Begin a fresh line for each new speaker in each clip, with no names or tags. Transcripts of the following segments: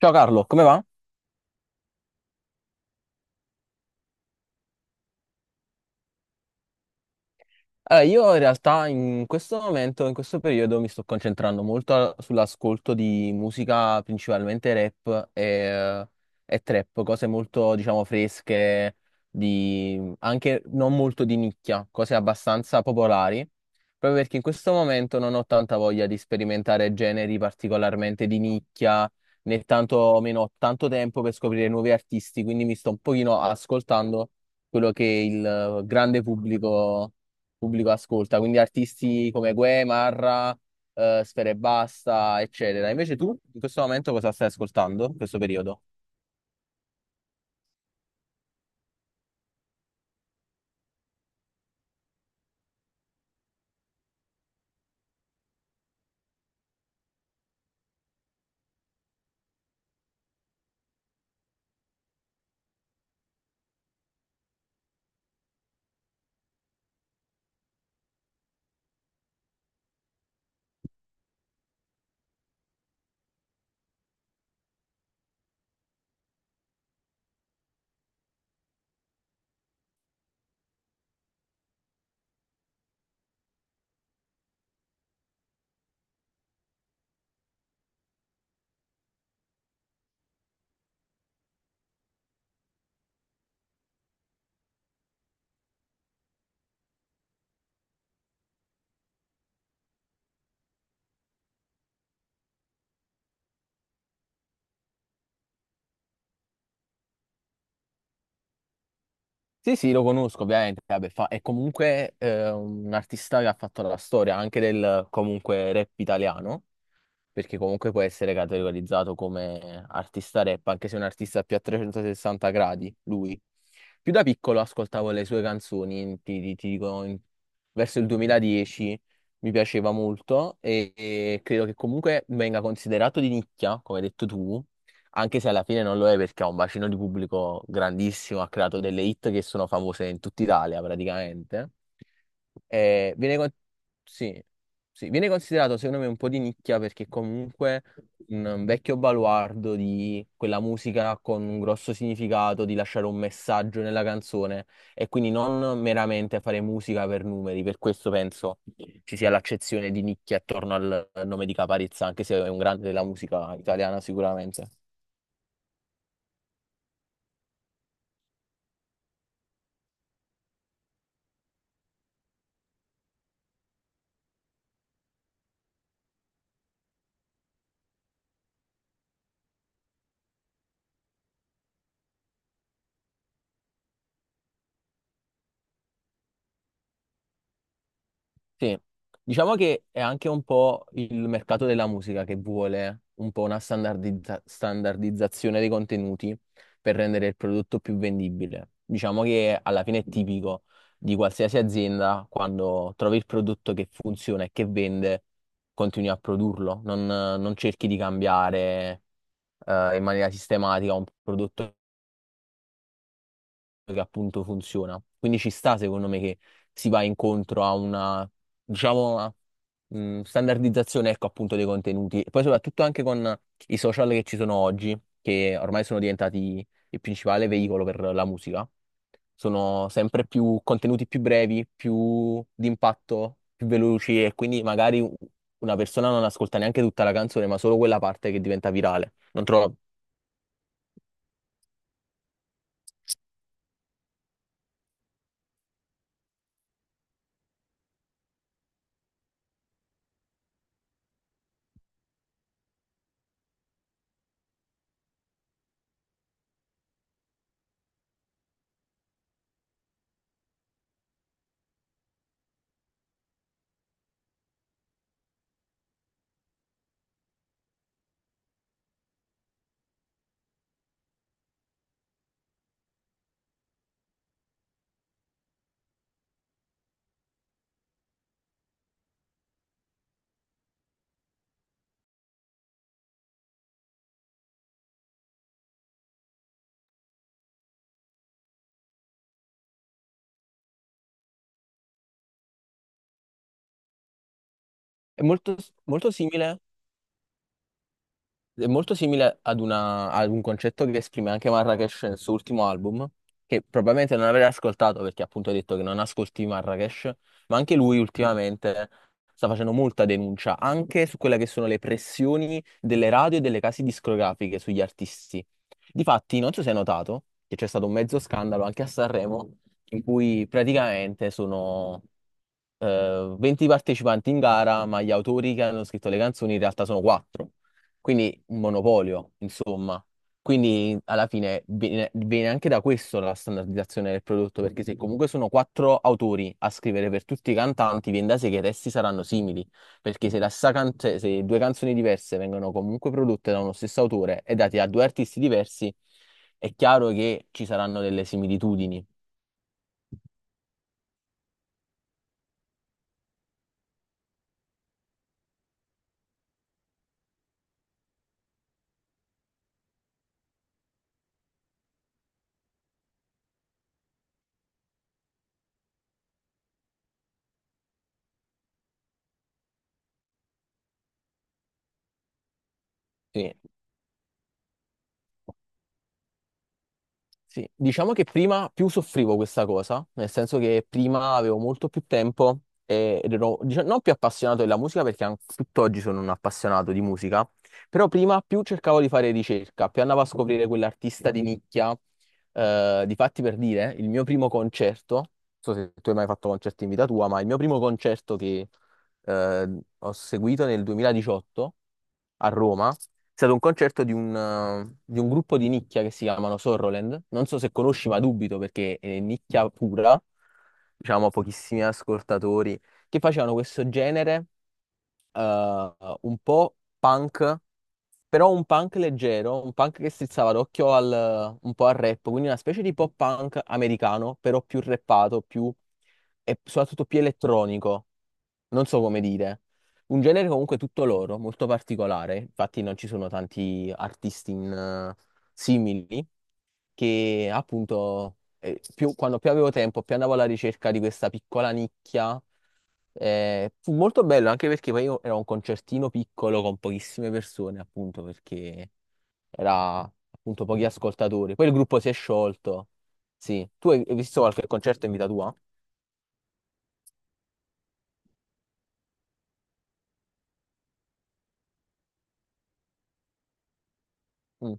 Ciao Carlo, come va? Allora, io in realtà in questo momento, in questo periodo, mi sto concentrando molto sull'ascolto di musica, principalmente rap e trap, cose molto, diciamo, fresche, di, anche non molto di nicchia, cose abbastanza popolari, proprio perché in questo momento non ho tanta voglia di sperimentare generi particolarmente di nicchia, né tanto meno ho tanto tempo per scoprire nuovi artisti, quindi mi sto un pochino ascoltando quello che il grande pubblico ascolta, quindi artisti come Gue, Marra, Sfera Ebbasta, eccetera. Invece tu, in questo momento, cosa stai ascoltando in questo periodo? Sì, sì, lo conosco ovviamente, vabbè, è comunque un artista che ha fatto la storia anche del comunque rap italiano, perché comunque può essere categorizzato come artista rap, anche se è un artista più a 360 gradi, lui. Più da piccolo ascoltavo le sue canzoni, ti dico, verso il 2010 mi piaceva molto e credo che comunque venga considerato di nicchia, come hai detto tu, anche se alla fine non lo è perché ha un bacino di pubblico grandissimo, ha creato delle hit che sono famose in tutta Italia praticamente. Eh, viene, con- sì, sì, viene considerato secondo me un po' di nicchia perché comunque un vecchio baluardo di quella musica con un grosso significato, di lasciare un messaggio nella canzone e quindi non meramente fare musica per numeri, per questo penso ci sia l'accezione di nicchia attorno al nome di Caparezza, anche se è un grande della musica italiana sicuramente. Sì, diciamo che è anche un po' il mercato della musica che vuole un po' una standardizzazione dei contenuti per rendere il prodotto più vendibile. Diciamo che alla fine è tipico di qualsiasi azienda, quando trovi il prodotto che funziona e che vende, continui a produrlo, non cerchi di cambiare in maniera sistematica un prodotto che appunto funziona. Quindi ci sta, secondo me, che si va incontro a una, diciamo, standardizzazione, ecco, appunto, dei contenuti. E poi soprattutto anche con i social che ci sono oggi, che ormai sono diventati il principale veicolo per la musica. Sono sempre più contenuti più brevi, più d'impatto, più veloci e quindi magari una persona non ascolta neanche tutta la canzone, ma solo quella parte che diventa virale. Non trovo... È molto simile È molto simile ad, ad un concetto che esprime anche Marrakesh nel suo ultimo album, che probabilmente non avrei ascoltato perché appunto ha detto che non ascolti Marrakesh, ma anche lui ultimamente sta facendo molta denuncia anche su quelle che sono le pressioni delle radio e delle case discografiche sugli artisti. Difatti, non so se hai notato che c'è stato un mezzo scandalo anche a Sanremo in cui praticamente sono 20 partecipanti in gara, ma gli autori che hanno scritto le canzoni in realtà sono 4, quindi un monopolio, insomma. Quindi alla fine viene anche da questo la standardizzazione del prodotto, perché se comunque sono quattro autori a scrivere per tutti i cantanti, viene da sé che i testi saranno simili, perché se, cioè, se due canzoni diverse vengono comunque prodotte da uno stesso autore e date a due artisti diversi, è chiaro che ci saranno delle similitudini. Sì, sì. Diciamo che prima più soffrivo questa cosa, nel senso che prima avevo molto più tempo ed ero non più appassionato della musica perché anche tutt'oggi sono un appassionato di musica, però prima più cercavo di fare ricerca, più andavo a scoprire quell'artista di nicchia. Difatti per dire, il mio primo concerto, non so se tu hai mai fatto concerti in vita tua, ma il mio primo concerto che ho seguito nel 2018 a Roma. È stato un concerto di di un gruppo di nicchia che si chiamano Sorroland. Non so se conosci, ma dubito perché è nicchia pura, diciamo pochissimi ascoltatori, che facevano questo genere eh, un po' punk, però un punk leggero, un punk che strizzava l'occhio al, un po' al rap, quindi una specie di pop punk americano, però più rappato, più, e soprattutto più elettronico, non so come dire. Un genere comunque tutto loro, molto particolare, infatti non ci sono tanti artisti simili, che appunto quando più avevo tempo, più andavo alla ricerca di questa piccola nicchia. Fu molto bello anche perché poi io era un concertino piccolo con pochissime persone, appunto, perché era appunto pochi ascoltatori. Poi il gruppo si è sciolto. Sì. Tu hai visto qualche concerto in vita tua? Mm.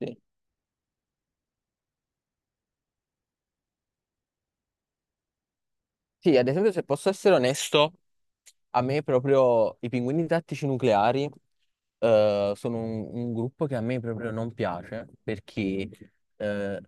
Sì, sì, ad esempio, se posso essere onesto, a me proprio i Pinguini Tattici Nucleari sono un gruppo che a me proprio non piace perché eh,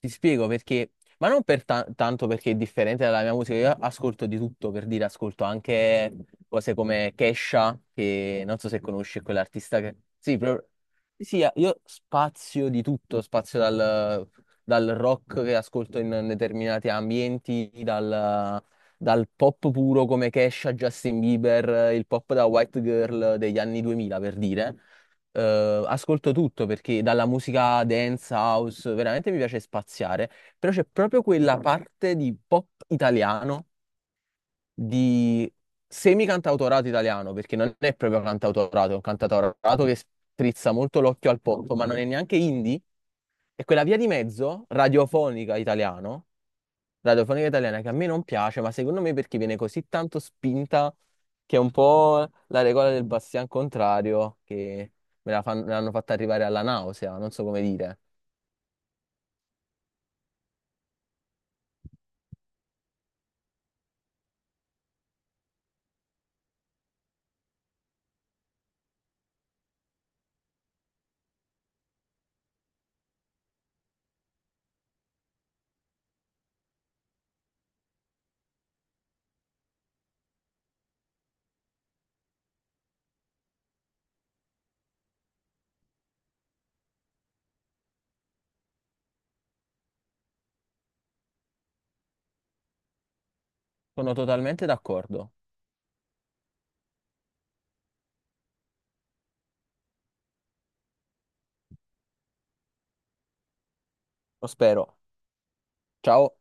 ti spiego perché, ma non per tanto perché è differente dalla mia musica, io ascolto di tutto, per dire, ascolto anche cose come Kesha, che non so se conosci è quell'artista che... Sì, sì, io spazio di tutto, spazio dal rock che ascolto in determinati ambienti, dal pop puro come Kesha, Justin Bieber, il pop da White Girl degli anni 2000, per dire, ascolto tutto perché dalla musica dance, house, veramente mi piace spaziare, però c'è proprio quella parte di pop italiano, di semi-cantautorato italiano, perché non è proprio cantautorato, è un cantautorato che strizza molto l'occhio al pop, ma non è neanche indie, è quella via di mezzo radiofonica italiana che a me non piace, ma secondo me perché viene così tanto spinta che è un po' la regola del bastian contrario che me l'hanno fatta arrivare alla nausea, non so come dire. Sono totalmente d'accordo. Lo spero. Ciao.